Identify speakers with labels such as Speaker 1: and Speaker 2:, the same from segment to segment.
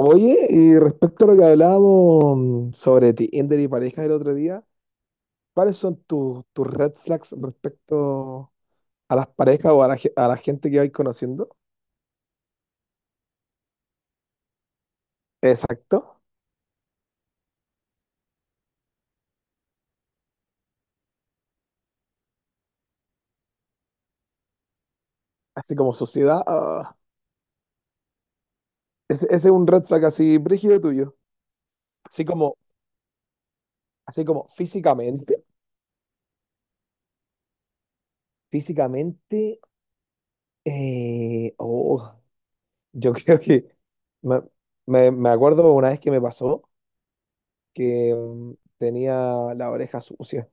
Speaker 1: Oye, y respecto a lo que hablábamos sobre Tinder y parejas el otro día, ¿cuáles son tus red flags respecto a las parejas o a a la gente que vais conociendo? Exacto. Así como sociedad. Ese, ese es un red flag así brígido tuyo. Así como, así como físicamente. Físicamente, eh, oh, yo creo que me, me acuerdo una vez que me pasó que tenía la oreja sucia.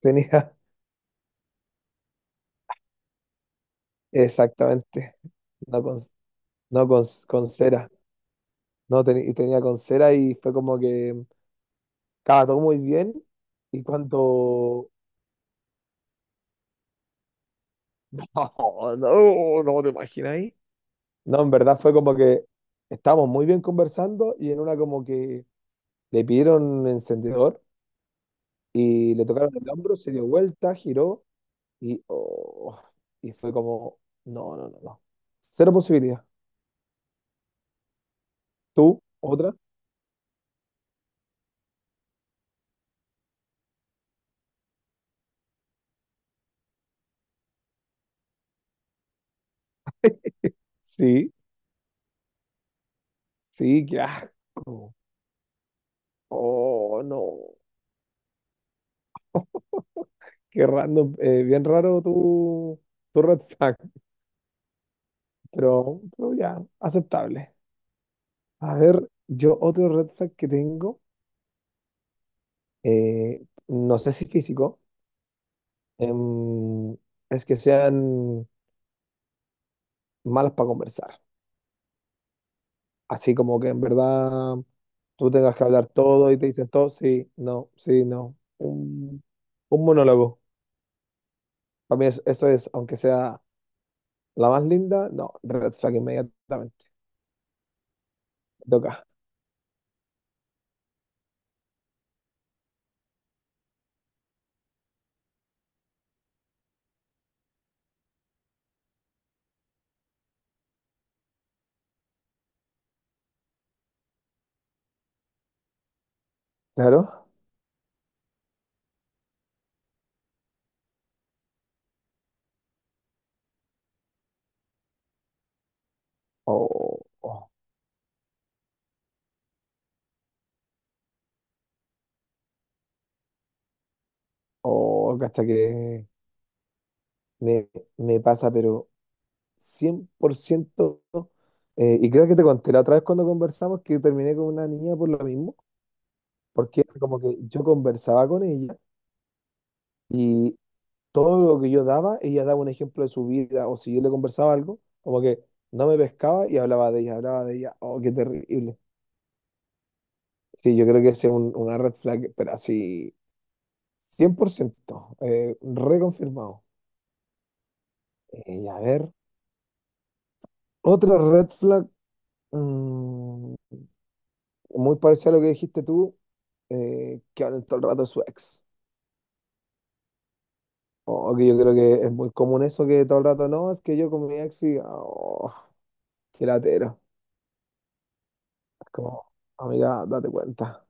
Speaker 1: Tenía, exactamente. No, con- No, con cera. No, tenía con cera y fue como que estaba todo muy bien. Y cuando... Oh, no, no te imagináis. No, en verdad fue como que estábamos muy bien conversando y en una como que le pidieron un encendedor y le tocaron el hombro, se dio vuelta, giró y, y fue como, no, no, no, no. Cero posibilidad. ¿Tú? ¿Otra? Sí, sí, qué asco. Oh, no. Qué random, bien raro tu red flag, pero ya, aceptable. A ver, yo otro red flag que tengo, eh, no sé si físico, em, es que sean malas para conversar. Así como que en verdad tú tengas que hablar todo y te dicen todo, sí, no, sí, no. Un monólogo. Para mí eso es, aunque sea la más linda, no, red flag inmediatamente. Toca. Claro. O hasta que me, me pasa, pero 100%. Y creo que te conté la otra vez cuando conversamos que terminé con una niña por lo mismo, porque era como que yo conversaba con ella y todo lo que yo daba, ella daba un ejemplo de su vida, o si yo le conversaba algo, como que no me pescaba y hablaba de ella, hablaba de ella. Oh, qué terrible. Sí, yo creo que ese es una red flag, pero así 100%, reconfirmado. Y a ver, otra red flag. mm, Muy parecido a lo que dijiste tú, que hablan todo el rato de su ex. O que yo creo que es muy común eso que todo el rato no, es que yo con mi ex y qué latero. Es como, amiga, date cuenta.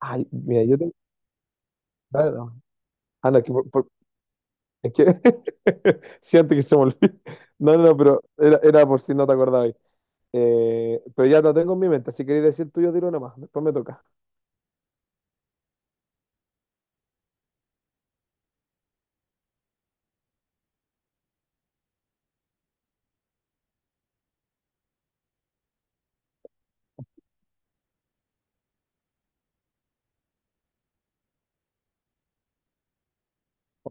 Speaker 1: Ay, mira, yo tengo. Dale, no. Ah, no, es que, es que siento que se me olvidó. No, no, no, pero era por si no te acordabas. Pero ya lo tengo en mi mente. Si queréis decir tuyo, tiro nomás. Después me toca.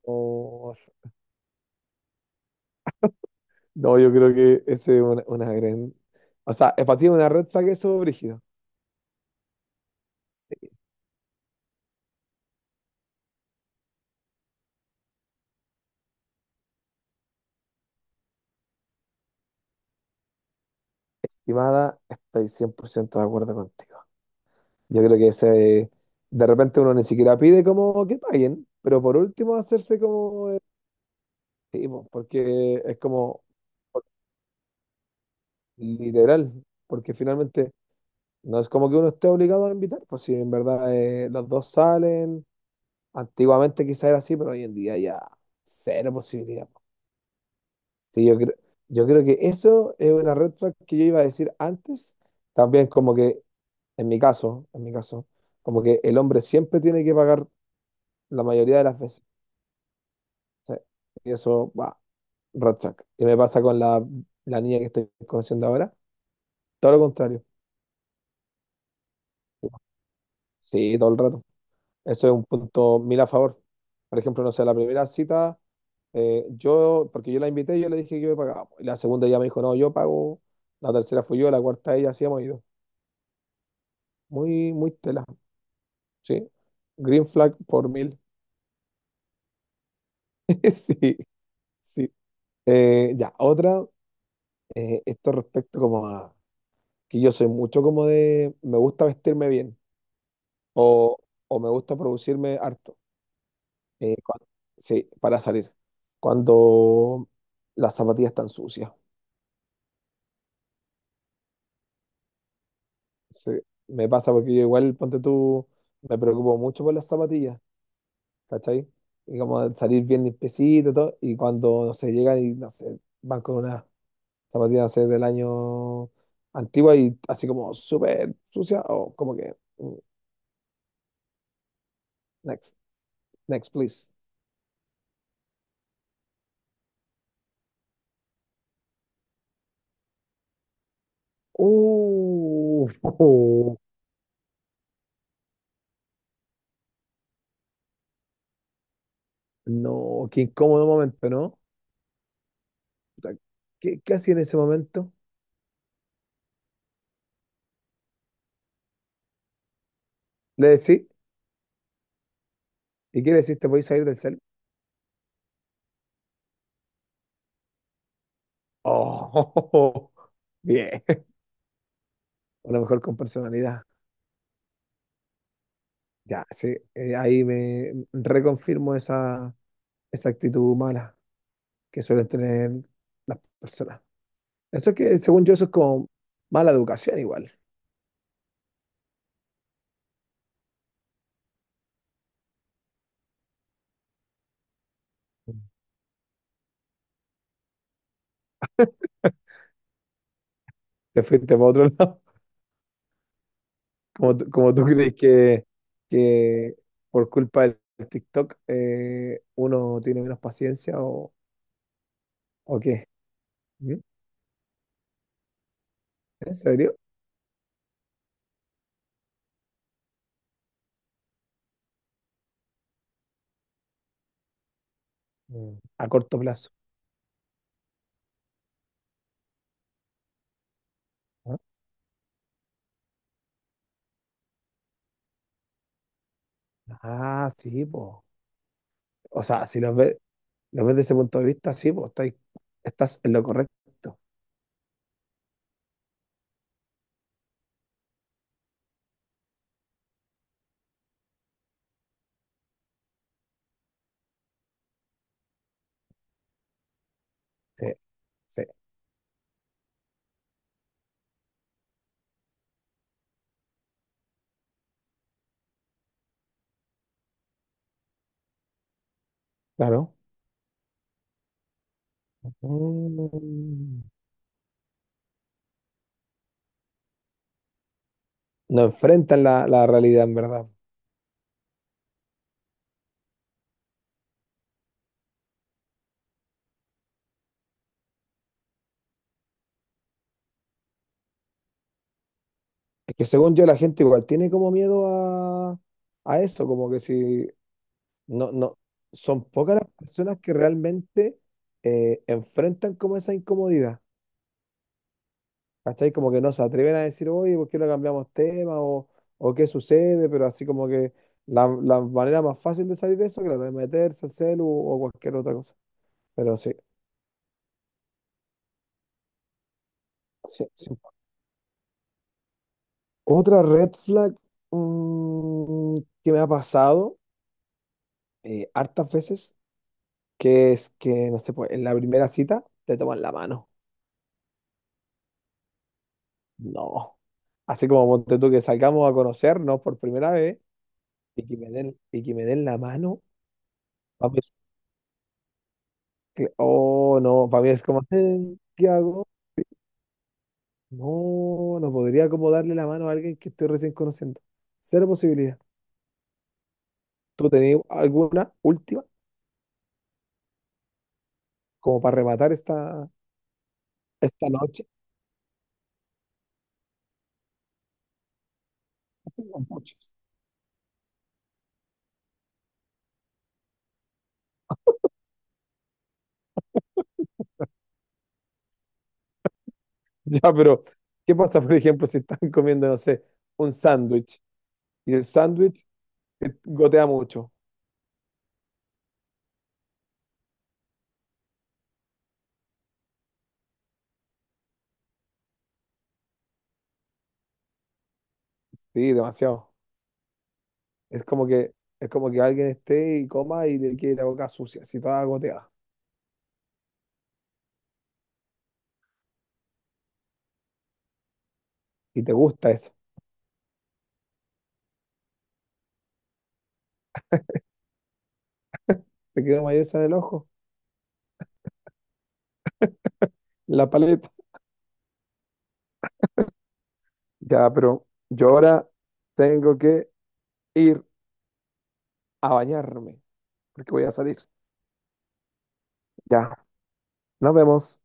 Speaker 1: Oh, no, yo creo que ese es una gran. O sea, es para ti una red flag eso, brígido. Estimada, estoy 100% de acuerdo contigo. Yo creo que de repente uno ni siquiera pide como que paguen, pero por último hacerse como... sí, po, porque es como literal, porque finalmente no es como que uno esté obligado a invitar, pues si en verdad los dos salen, antiguamente quizás era así, pero hoy en día ya cero posibilidad. Po. Sí, yo creo que eso es una red flag que yo iba a decir antes, también como que en mi caso, en mi caso, como que el hombre siempre tiene que pagar la mayoría de las veces. Sí. Y eso, va, red flag. Y me pasa con la niña que estoy conociendo ahora. Todo lo contrario. Sí, todo el rato. Eso es un punto mil a favor. Por ejemplo, no sé, la primera cita, yo, porque yo la invité, yo le dije que yo pagaba. Y la segunda ya me dijo, no, yo pago. La tercera fui yo, la cuarta ella, así hemos ido. Muy, muy tela. Sí. Green flag por mil. Sí, sí. Ya, otra. Esto respecto como a que yo soy mucho como de me gusta vestirme bien o, o me gusta producirme harto eh, cuan- sí, para salir cuando las zapatillas están sucias. Sí, me pasa porque yo igual, ponte tú, me preocupo mucho por las zapatillas, ¿cachai? Y como de salir bien limpiecito y todo, y cuando, no sé, llegan y, no sé, van con unas zapatillas, no sé, del año antigua y así como súper sucia o como que, next, next, please. Oh, no, qué incómodo momento, ¿no? Puta, ¿qué, qué hacía en ese momento? ¿Le decís? ¿Y qué le decís? ¿Te voy a salir del cel? Oh, bien. A lo mejor con personalidad. Ya, sí, ahí me reconfirmo esa, esa actitud mala que suelen tener las personas. Eso es que, según yo, eso es como mala educación igual. Te fuiste para otro lado. Como tú crees que por culpa del TikTok uno tiene menos paciencia o qué? ¿Mm? ¿En serio? Mm. A corto plazo. ¿Ah? Ah, sí, po. O sea, si lo ves, lo ves desde ese punto de vista, sí, pues estás, estás en lo correcto. Sí, sí, claro. Mm. No enfrentan la realidad, en verdad. Es que según yo, la gente igual tiene como miedo a eso, como que si no, no, son pocas las personas que realmente enfrentan como esa incomodidad, ¿cachai? Como que no se atreven a decir, oye, ¿por qué no cambiamos tema? O qué sucede, pero así como que la manera más fácil de salir de eso, claro, es meterse al celu o cualquier otra cosa. Pero sí, sí, sí. Otra red flag mm, que me ha pasado hartas veces, que es que, no sé, pues en la primera cita te toman la mano. No. Así como ponte tú que salgamos a conocernos por primera vez y que me den, y que me den la mano, pa' mí es oh no, para mí es como, ¿qué hago? No, no podría como darle la mano a alguien que estoy recién conociendo. Cero posibilidad. ¿Tú tenías alguna última como para rematar esta, esta noche? Tengo muchas. Ya, pero ¿qué pasa, por ejemplo, si están comiendo, no sé, un sándwich y el sándwich gotea mucho? Sí, demasiado. Es como que, es como que alguien esté y coma y le quede la boca sucia, así toda goteada. Y te gusta eso. Te quedó mayonesa en el ojo, en la paleta. Ya, pero yo ahora tengo que ir a bañarme, porque voy a salir. Ya, nos vemos.